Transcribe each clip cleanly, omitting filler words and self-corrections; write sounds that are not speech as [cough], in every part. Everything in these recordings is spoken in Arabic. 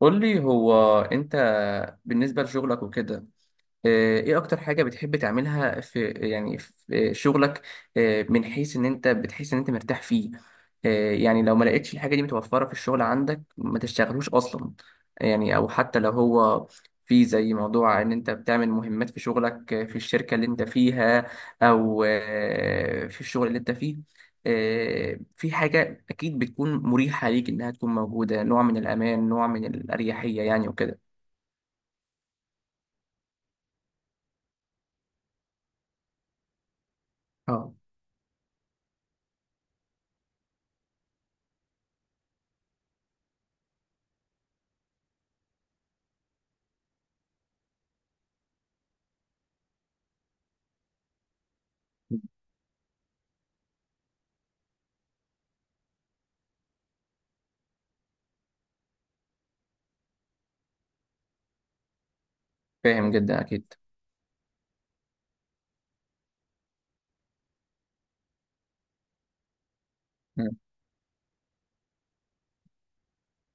قول لي هو انت بالنسبة لشغلك وكده. ايه اكتر حاجة بتحب تعملها في شغلك، من حيث ان انت بتحس ان انت مرتاح فيه. يعني لو ما لقيتش الحاجة دي متوفرة في الشغل عندك ما تشتغلوش اصلا، يعني او حتى لو هو في زي موضوع ان انت بتعمل مهمات في شغلك، في الشركة اللي انت فيها او في الشغل اللي انت فيه. في حاجة اكيد بتكون مريحة ليك انها تكون موجودة، نوع من الامان، نوع من الاريحية يعني وكده. اه، فاهم جدا اكيد.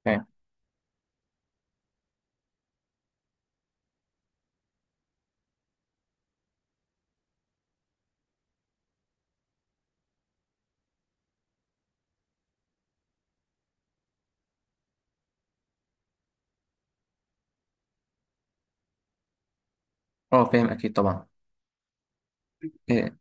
فاهم. اه فاهم اكيد طبعا. إيه.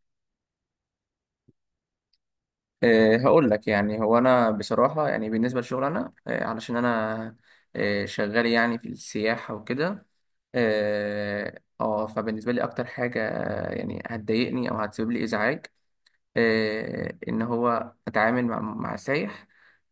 إيه هقول لك، يعني هو انا بصراحه يعني بالنسبه للشغل انا إيه، علشان انا إيه شغال يعني في السياحه وكده. اه فبالنسبه لي اكتر حاجه يعني هتضايقني او هتسبب لي ازعاج إيه، ان هو اتعامل مع سايح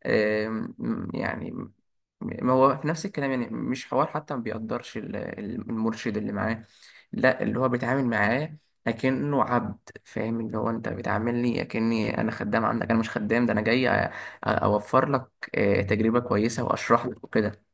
إيه. يعني ما هو في نفس الكلام، يعني مش حوار حتى، ما بيقدرش المرشد اللي معاه، لا اللي هو بيتعامل معاه لكنه عبد. فاهم؟ اللي هو انت بتعاملني اكني انا خدام عندك، انا مش خدام، ده انا جاي اوفر لك تجربة كويسة واشرح لك وكده.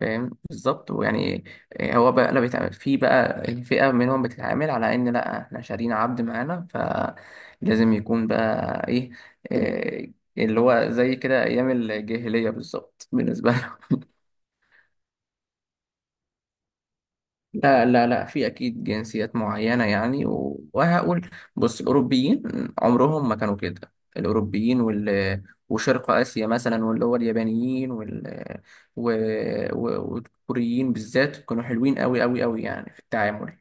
فاهم بالظبط ويعني هو بقى لا بيتعامل، في بقى الفئة منهم بتتعامل على ان لا احنا شارين عبد معانا فلازم يكون بقى ايه، آه، اللي هو زي كده ايام الجاهلية بالظبط. بالنسبة، لا لا لا، في اكيد جنسيات معينه يعني. وهقول، بص الاوروبيين عمرهم ما كانوا كده، الاوروبيين وال، وشرق اسيا مثلا، واللي هو اليابانيين وال و... و... والكوريين بالذات كانوا حلوين قوي قوي قوي يعني في التعامل.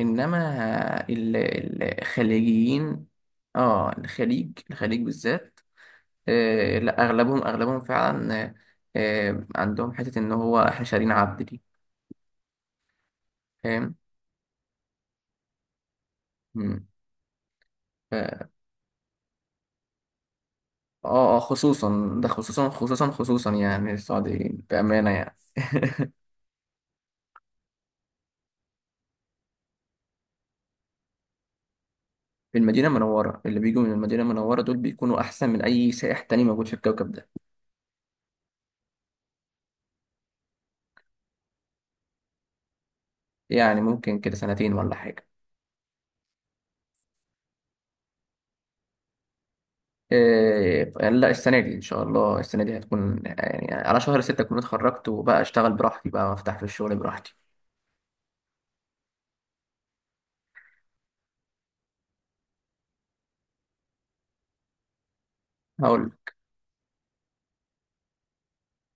انما الخليجيين، اه الخليج، الخليج بالذات. آه لا اغلبهم، اغلبهم فعلا آه، عندهم حته ان هو احنا شارين عبد دي. فاهم. مم. اه اه خصوصا ده، خصوصا خصوصا خصوصا يعني السعوديين بأمانة يعني [laughs] في المدينة المنورة، اللي بيجوا من المدينة المنورة دول بيكونوا أحسن من أي سائح تاني موجود في الكوكب ده. يعني ممكن كده سنتين ولا حاجة. إيه لا السنة دي، إن شاء الله السنة دي هتكون يعني على شهر ستة أكون اتخرجت، وبقى أشتغل براحتي بقى وأفتح في الشغل براحتي. هقول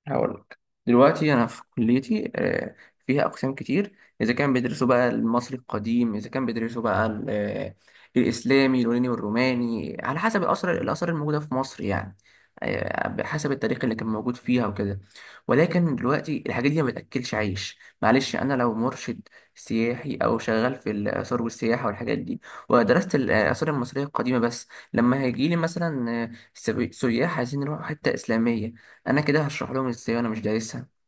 هقول لك، دلوقتي انا في كليتي فيها اقسام كتير. اذا كان بيدرسوا بقى المصري القديم، اذا كان بيدرسوا بقى الاسلامي، اليوناني والروماني، على حسب الاثار، الاثار الموجوده في مصر يعني. بحسب التاريخ اللي كان موجود فيها وكده. ولكن دلوقتي الحاجات دي ما بتاكلش عيش، معلش انا لو مرشد سياحي او شغال في الاثار والسياحه والحاجات دي ودرست الاثار المصريه القديمه بس، لما هيجي لي مثلا سياح عايزين يروحوا حته اسلاميه، انا كده هشرح لهم ازاي وانا مش دارسها؟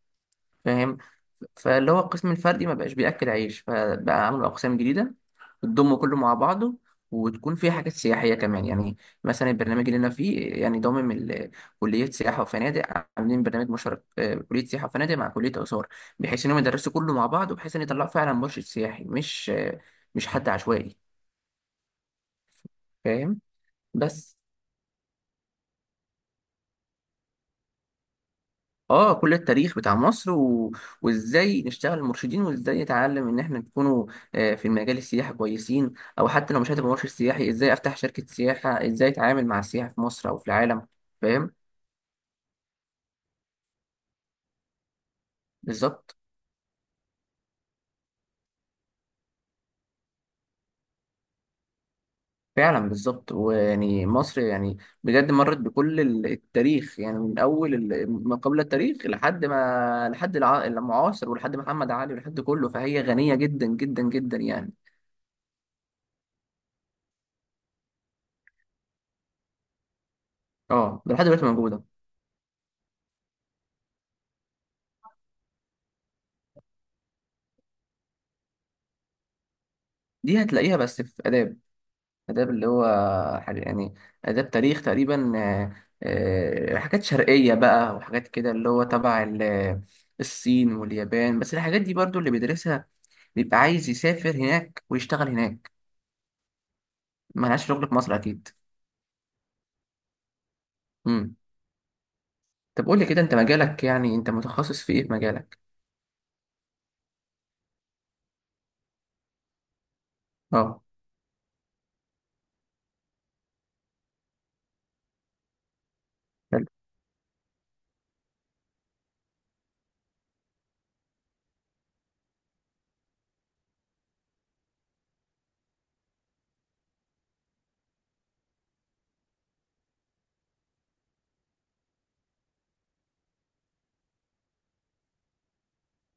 فاهم. فاللي هو القسم الفردي ما بقاش بياكل عيش، فبقى عملوا اقسام جديده بتضم كله مع بعضه، وتكون فيها حاجات سياحيه كمان يعني. مثلا البرنامج اللي انا فيه يعني ضامن كليه سياحه وفنادق. عاملين برنامج مشترك، كليه سياحه وفنادق مع كليه اثار، بحيث انهم يدرسوا كله مع بعض، وبحيث ان يطلعوا فعلا مرشد سياحي مش حد عشوائي. فاهم. بس اه كل التاريخ بتاع مصر وازاي نشتغل مرشدين، وازاي نتعلم ان احنا نكونوا في المجال السياحي كويسين. او حتى لو مش هتبقى مرشد سياحي، ازاي افتح شركة سياحة، ازاي اتعامل مع السياحة في مصر او في العالم. فاهم بالظبط. فعلا بالظبط، ويعني مصر يعني بجد مرت بكل التاريخ، يعني من اول ما قبل التاريخ لحد ما، لحد المعاصر، ولحد محمد علي ولحد كله، فهي غنية جدا جدا جدا يعني. اه ده لحد دلوقتي موجودة. دي هتلاقيها بس في آداب. آداب اللي هو حاجة يعني آداب تاريخ تقريبا، حاجات شرقية بقى وحاجات كده، اللي هو تبع الصين واليابان. بس الحاجات دي برضو اللي بيدرسها بيبقى عايز يسافر هناك ويشتغل هناك، ملهاش شغل في مصر أكيد. مم. طب قول لي كده، أنت مجالك، يعني أنت متخصص في إيه في مجالك؟ أه. حلو.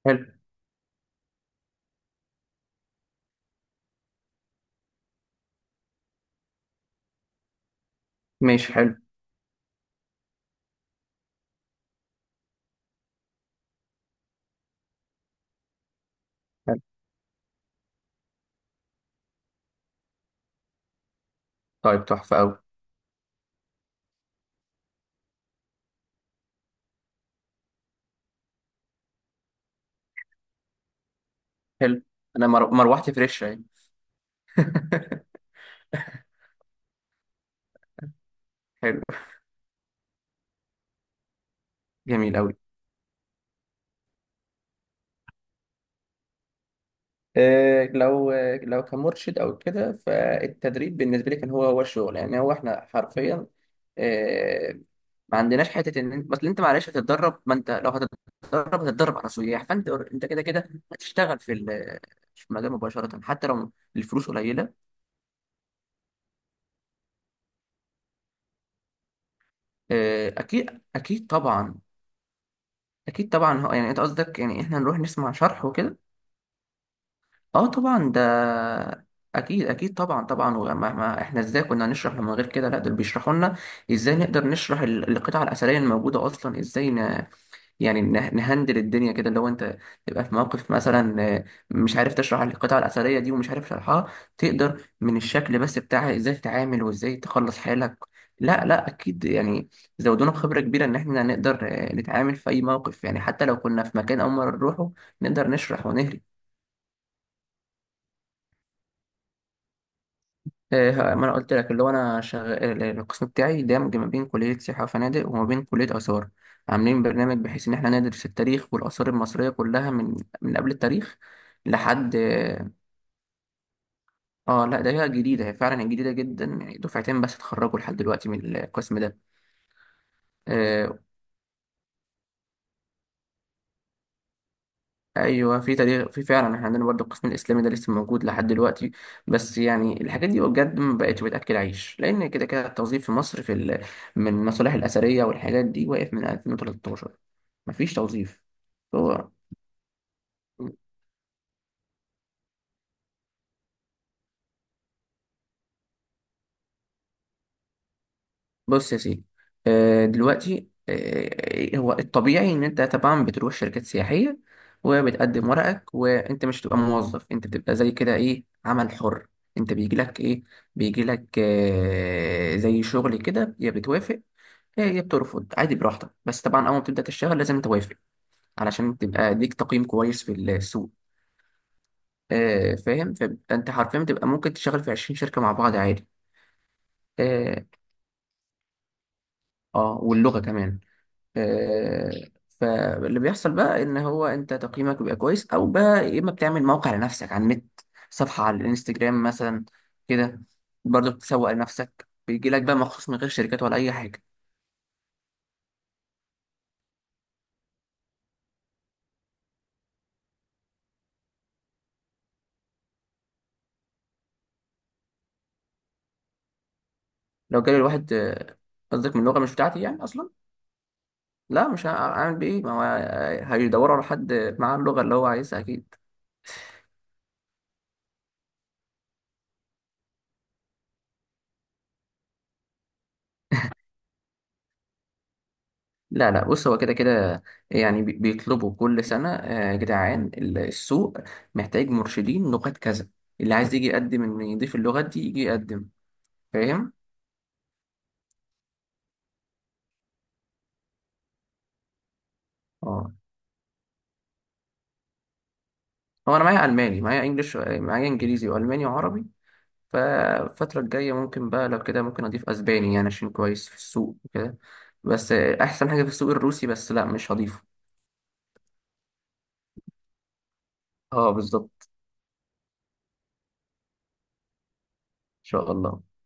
حلو. ماشي حلو. حلو. طيب تحفة أوي. حلو. أنا مروحتي فريش أهي [laughs] حلو. جميل أوي. لو كمرشد او كده، فالتدريب بالنسبه لي كان هو هو الشغل يعني. هو احنا حرفيا آه، ما عندناش حته ان انت، بس انت معلش هتتدرب. ما انت لو هتتدرب هتتدرب على سياح، فانت كده كده هتشتغل في في المجال مباشره حتى لو الفلوس قليله. اكيد اكيد طبعا. اكيد طبعا، يعني انت قصدك يعني احنا نروح نسمع شرح وكده. اه طبعا ده اكيد اكيد طبعا طبعا. وما ما احنا ازاي كنا هنشرح من غير كده؟ لا دول بيشرحوا لنا ازاي نقدر نشرح القطع الاثريه الموجوده اصلا، ازاي نهندل الدنيا كده لو انت تبقى في موقف مثلا مش عارف تشرح القطع الاثريه دي ومش عارف شرحها، تقدر من الشكل بس بتاعها ازاي تتعامل وازاي تخلص حالك. لا لا اكيد يعني زودونا بخبره كبيره ان احنا نقدر نتعامل في اي موقف يعني، حتى لو كنا في مكان اول مره نروحه نقدر نشرح ونهري. إيه، ما انا قلت لك اللي هو انا شغال القسم بتاعي دامج ما بين كليه سياحه وفنادق وما بين كليه اثار. عاملين برنامج بحيث ان احنا ندرس التاريخ والاثار المصريه كلها من من قبل التاريخ لحد. اه لا ده هي جديده، هي فعلا جديده جدا يعني، دفعتين بس اتخرجوا لحد دلوقتي من القسم ده. آه، ايوه في تاريخ، في فعلا احنا عندنا برضو القسم الاسلامي ده لسه موجود لحد دلوقتي. بس يعني الحاجات دي بجد ما بقتش بتاكل عيش، لان كده كده التوظيف في مصر في من المصالح الاثريه والحاجات دي واقف من 2013، مفيش توظيف. هو بص يا سيدي، دلوقتي هو الطبيعي ان انت طبعا بتروح شركات سياحيه وبتقدم ورقك، وانت مش بتبقى موظف، انت بتبقى زي كده ايه، عمل حر. انت بيجي لك ايه، بيجي لك زي شغل كده، يا بتوافق يا يا بترفض عادي براحتك. بس طبعا اول ما بتبدا تشتغل لازم توافق علشان تبقى ليك تقييم كويس في السوق. فاهم. فانت حرفيا بتبقى ممكن تشتغل في 20 شركه مع بعض عادي. اه واللغه كمان. آه، فاللي بيحصل بقى ان هو انت تقييمك بيبقى كويس، او بقى يا اما بتعمل موقع لنفسك على النت، صفحة على الانستجرام مثلا كده، برضه بتسوق لنفسك بيجي لك بقى مخصوص من غير شركات ولا اي حاجة. لو جالي الواحد قصدك من لغة مش بتاعتي يعني اصلا؟ لا مش هعمل بيه إيه؟ ما هو هيدوروا على حد معاه اللغة اللي هو عايزها اكيد. لا لا بص هو كده كده، يعني بيطلبوا كل سنة يا جدعان، السوق محتاج مرشدين لغات كذا، اللي عايز يجي يقدم إن يضيف اللغات دي يجي يقدم. فاهم؟ اه هو أنا معايا ألماني، معايا إنجليش، معايا إنجليزي وألماني وعربي. فالفترة الجاية ممكن بقى لو كده ممكن أضيف أسباني يعني عشان كويس في السوق وكده. بس أحسن حاجة في السوق الروسي بس لا مش هضيفه. اه بالظبط. إن شاء الله.